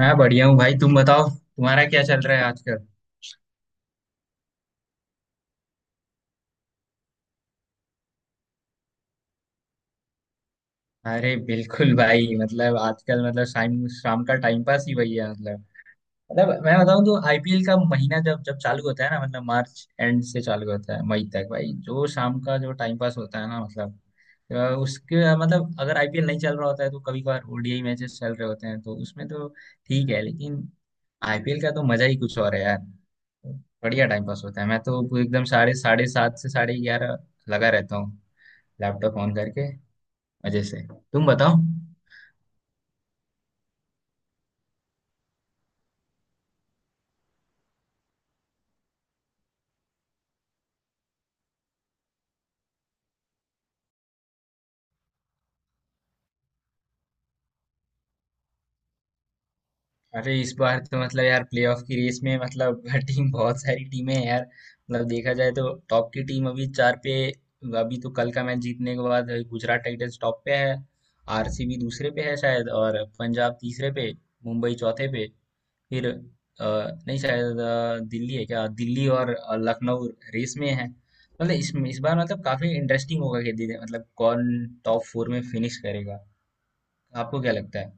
मैं बढ़िया हूँ भाई। तुम बताओ, तुम्हारा क्या चल रहा है आजकल? अरे बिल्कुल भाई, मतलब आजकल मतलब शाम शाम का टाइम पास ही वही है मतलब। मतलब मैं बताऊँ तो आईपीएल का महीना जब जब चालू होता है ना, मतलब मार्च एंड से चालू होता है मई तक भाई, जो शाम का जो टाइम पास होता है ना, मतलब अ, उसके मतलब अगर आईपीएल नहीं चल रहा होता है तो कभी कभार ओडीआई मैचेस चल रहे होते हैं तो उसमें तो ठीक है, लेकिन आईपीएल का तो मजा ही कुछ और है यार। बढ़िया टाइम पास होता है, मैं तो एकदम साढ़े साढ़े सात से 11:30 लगा रहता हूँ, लैपटॉप ऑन करके, मजे से। तुम बताओ। अरे इस बार तो मतलब यार प्लेऑफ की रेस में मतलब टीम, बहुत सारी टीमें हैं यार। मतलब देखा जाए तो टॉप की टीम अभी चार पे। अभी तो कल का मैच जीतने के बाद गुजरात टाइटंस टॉप पे है, आरसीबी दूसरे पे है शायद, और पंजाब तीसरे पे, मुंबई चौथे पे, फिर अ, नहीं शायद दिल्ली है, क्या दिल्ली और लखनऊ रेस में है। मतलब इस बार मतलब काफी इंटरेस्टिंग होगा कि दिल्ली- मतलब कौन टॉप फोर में फिनिश करेगा। आपको क्या लगता है?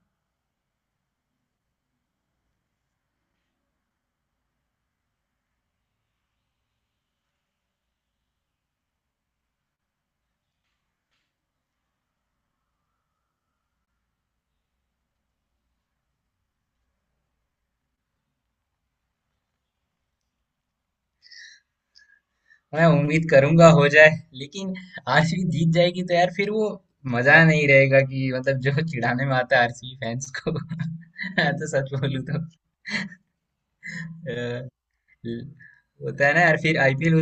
मैं उम्मीद करूंगा हो जाए, लेकिन आरसीबी जीत जाएगी तो यार फिर वो मजा नहीं रहेगा कि मतलब जो चिढ़ाने में आता है आरसीबी फैंस को। मैं तो सच बोलूं तो। अ, हम्म, होता है ना यार, फिर आईपीएल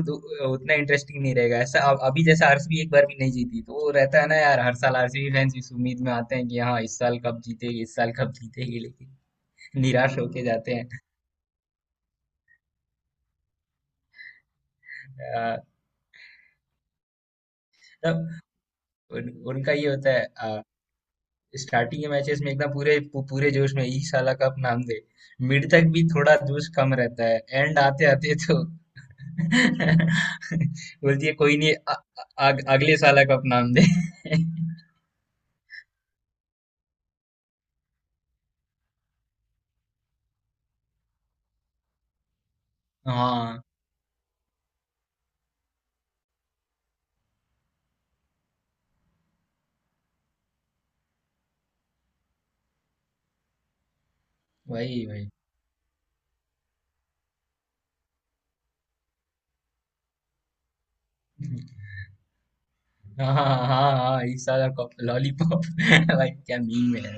उतना इंटरेस्टिंग नहीं रहेगा ऐसा। अब अभी जैसा आरसीबी एक बार भी नहीं जीती, तो वो रहता है ना यार, हर साल आरसीबी फैंस इस उम्मीद में आते हैं कि हाँ इस साल कब जीतेगी, इस साल कब जीतेगी, लेकिन निराश होके जाते हैं। अ, तब उन, उनका ये होता है स्टार्टिंग के मैचेस में एकदम पूरे जोश में, इस साल कप नाम दे। मिड तक भी थोड़ा जोश कम रहता है। एंड आते आते तो बोलती है कोई नहीं, अगले साल कप नाम दे। हाँ, वही वही। हाँ, हाँ, हाँ, हाँ, इस साल लॉलीपॉप। भाई क्या मीम है।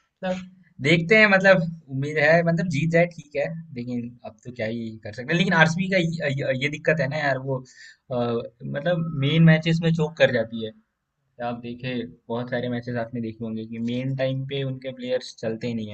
मतलब देखते हैं, मतलब उम्मीद है मतलब जीत जाए ठीक है। लेकिन अब तो क्या ही कर सकते हैं, लेकिन आरसीबी का ये दिक्कत है ना यार, वो मतलब मेन मैचेस में चोक कर जाती है। आप देखे, बहुत सारे मैचेस आपने देखे होंगे कि मेन टाइम पे उनके प्लेयर्स चलते ही नहीं।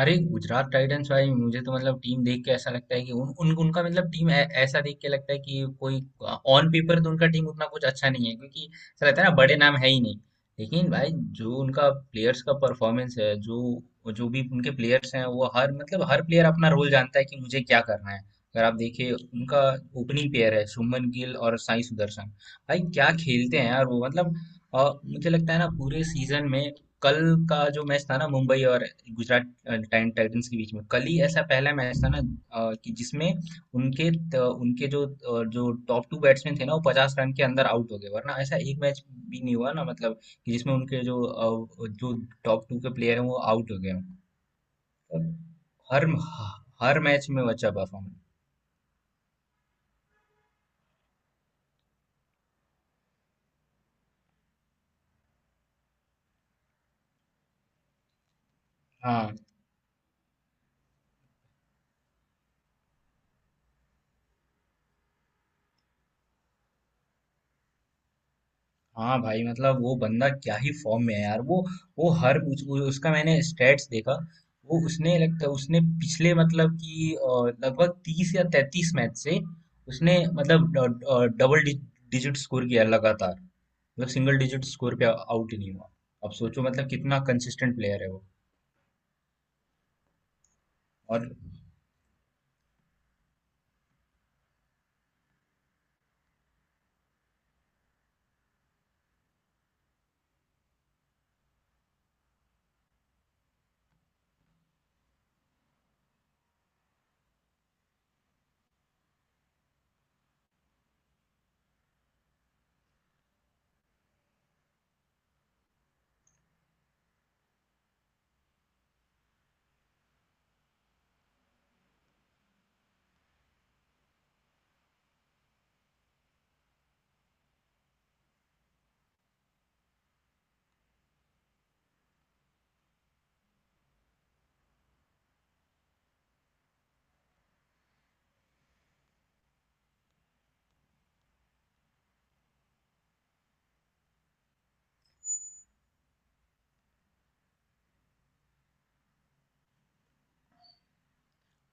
अरे गुजरात टाइटंस भाई, मुझे तो मतलब टीम देख के ऐसा लगता है कि उन, उन उनका मतलब टीम ऐसा देख के लगता है कि कोई ऑन पेपर तो उनका टीम उतना कुछ अच्छा नहीं है, क्योंकि ऐसा रहता है ना बड़े नाम है ही नहीं। लेकिन भाई जो उनका प्लेयर्स का परफॉर्मेंस है, जो जो भी उनके प्लेयर्स हैं वो हर मतलब हर प्लेयर अपना रोल जानता है कि मुझे क्या करना है। अगर आप देखिए, उनका ओपनिंग पेयर है शुभमन गिल और साई सुदर्शन। भाई क्या खेलते हैं यार वो, मतलब मुझे लगता है ना पूरे सीजन में, कल का जो मैच था ना मुंबई और गुजरात टाइम टाइटंस के बीच में, कल ही ऐसा पहला मैच था ना, कि जिसमें उनके जो जो टॉप टू बैट्समैन थे ना वो 50 रन के अंदर आउट हो गए, वरना ऐसा एक मैच भी नहीं हुआ ना, मतलब कि जिसमें उनके जो जो टॉप टू के प्लेयर हैं वो आउट हो गए हों। तो हर हर मैच में वो अच्छा परफॉर्मेंस। हाँ हाँ भाई, मतलब वो बंदा क्या ही फॉर्म में है यार, वो उसका मैंने स्टेट्स देखा। वो, उसने पिछले मतलब कि लगभग 30 या 33 मैच से उसने मतलब डबल डिजिट स्कोर किया लगातार, मतलब सिंगल डिजिट स्कोर पे आउट ही नहीं हुआ। अब सोचो मतलब कितना कंसिस्टेंट प्लेयर है वो। और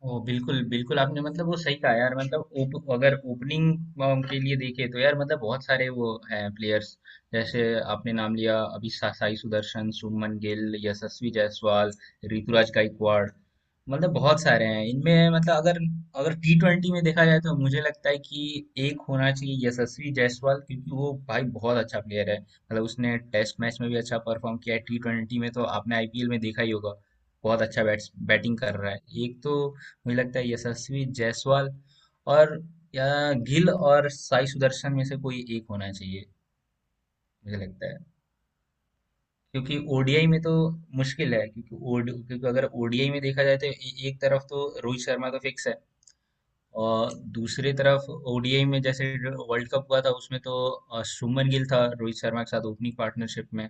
ओह, बिल्कुल, बिल्कुल आपने मतलब वो सही कहा यार, मतलब ओप अगर ओपनिंग के लिए देखें तो यार मतलब बहुत सारे वो हैं प्लेयर्स, जैसे आपने नाम लिया अभी साई सुदर्शन, शुभमन गिल, यशस्वी जायसवाल, ऋतुराज गायकवाड़, मतलब बहुत सारे हैं इनमें। मतलब अगर अगर T20 में देखा जाए तो मुझे लगता है कि एक होना चाहिए यशस्वी जायसवाल, क्योंकि वो भाई बहुत अच्छा प्लेयर है, मतलब उसने टेस्ट मैच में भी अच्छा परफॉर्म किया है। T20 में तो आपने आईपीएल में देखा ही होगा, बहुत अच्छा बैट्स बैटिंग कर रहा है एक तो। मुझे लगता है यशस्वी जायसवाल और या गिल और साई सुदर्शन में से कोई एक होना चाहिए, मुझे लगता है। क्योंकि ओडीआई में तो मुश्किल है, क्योंकि अगर ओडीआई में देखा जाए तो एक तरफ तो रोहित शर्मा तो फिक्स है, और दूसरी तरफ ओडीआई में जैसे वर्ल्ड कप हुआ था उसमें तो शुभमन गिल था रोहित शर्मा के साथ ओपनिंग पार्टनरशिप में।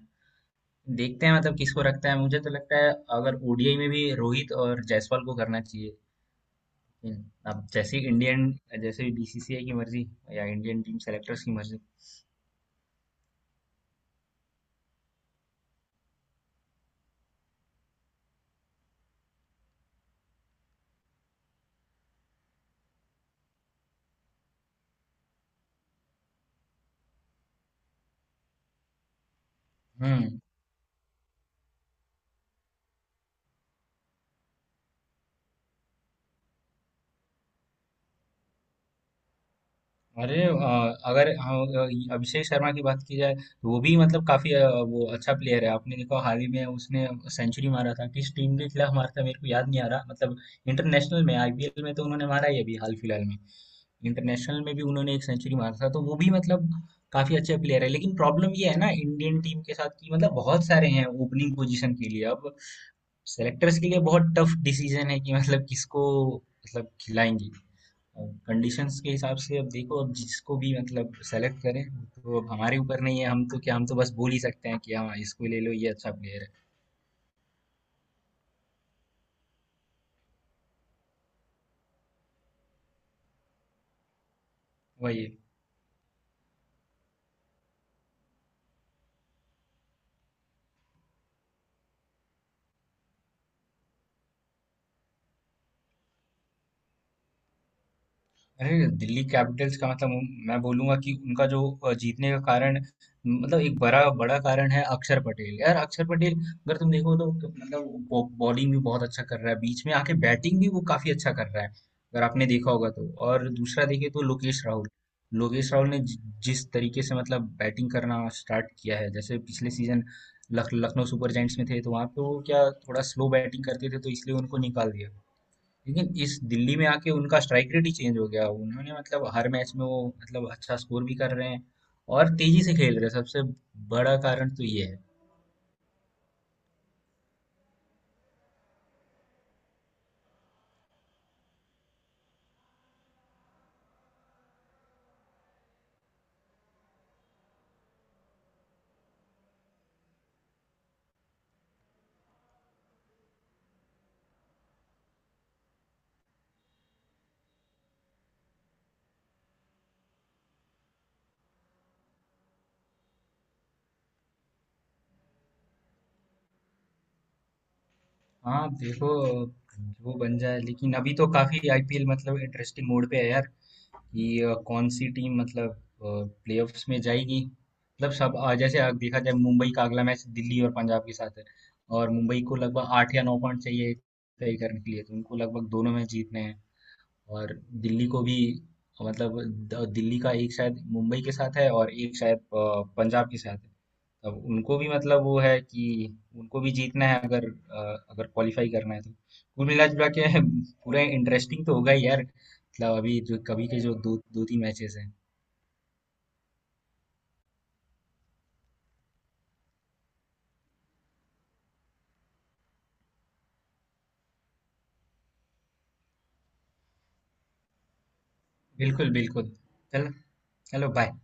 देखते हैं मतलब किसको रखता है, मुझे तो लगता है अगर ओडीआई में भी रोहित और जायसवाल को करना चाहिए। हम्म। अब जैसे ही इंडियन, जैसे बीसीसीआई की मर्जी या इंडियन टीम सेलेक्टर्स की मर्जी। हम्म। अरे अगर अभिषेक शर्मा की बात की जाए तो वो भी मतलब काफी वो अच्छा प्लेयर है। आपने देखा, हाल ही में उसने सेंचुरी मारा था। किस टीम के खिलाफ मारा था मेरे को याद नहीं आ रहा, मतलब इंटरनेशनल में। आईपीएल में तो उन्होंने मारा ही, अभी हाल फिलहाल में इंटरनेशनल में भी उन्होंने एक सेंचुरी मारा था। तो वो भी मतलब काफी अच्छे प्लेयर है, लेकिन प्रॉब्लम ये है ना इंडियन टीम के साथ कि मतलब बहुत सारे हैं ओपनिंग पोजीशन के लिए। अब सेलेक्टर्स के लिए बहुत टफ डिसीजन है कि मतलब किसको मतलब खिलाएंगे कंडीशंस के हिसाब से। अब देखो, अब जिसको भी मतलब सेलेक्ट करें, तो अब हमारे ऊपर नहीं है। हम तो क्या, हम तो बस बोल ही सकते हैं कि हाँ इसको ले लो, ये अच्छा प्लेयर है। वही है। अरे! दिल्ली कैपिटल्स का मतलब, मैं बोलूँगा कि उनका जो जीतने का कारण, मतलब एक बड़ा बड़ा कारण है अक्षर पटेल। यार अक्षर पटेल अगर तुम देखो तो मतलब बॉलिंग भी बहुत अच्छा कर रहा है, बीच में आके बैटिंग भी वो काफी अच्छा कर रहा है अगर आपने देखा होगा तो। और दूसरा देखिए तो लोकेश राहुल। लोकेश राहुल ने जिस तरीके से मतलब बैटिंग करना स्टार्ट किया है, जैसे पिछले सीजन लखनऊ सुपर जायंट्स में थे तो वहां पे वो क्या थोड़ा स्लो बैटिंग करते थे, तो इसलिए उनको निकाल दिया। लेकिन इस दिल्ली में आके उनका स्ट्राइक रेट ही चेंज हो गया, उन्होंने मतलब हर मैच में वो मतलब अच्छा स्कोर भी कर रहे हैं और तेजी से खेल रहे हैं। सबसे बड़ा कारण तो ये है। हाँ देखो, वो बन जाए, लेकिन अभी तो काफी आईपीएल मतलब इंटरेस्टिंग मोड पे है यार, कि कौन सी टीम मतलब प्लेऑफ्स में जाएगी, मतलब सब जैसे अगर देखा जाए मुंबई का अगला मैच दिल्ली और पंजाब के साथ है, और मुंबई को लगभग 8 या 9 पॉइंट चाहिए तय करने के लिए, तो उनको लगभग दोनों मैच जीतने हैं। और दिल्ली को भी मतलब दिल्ली का एक शायद मुंबई के साथ है और एक शायद पंजाब के साथ है। अब उनको भी मतलब वो है कि उनको भी जीतना है अगर अगर क्वालिफाई करना है तो। कुल मिला जुला के पूरा इंटरेस्टिंग तो होगा ही यार, मतलब अभी जो कभी के जो दो दो तीन मैचेस हैं। बिल्कुल बिल्कुल। चल चलो, बाय।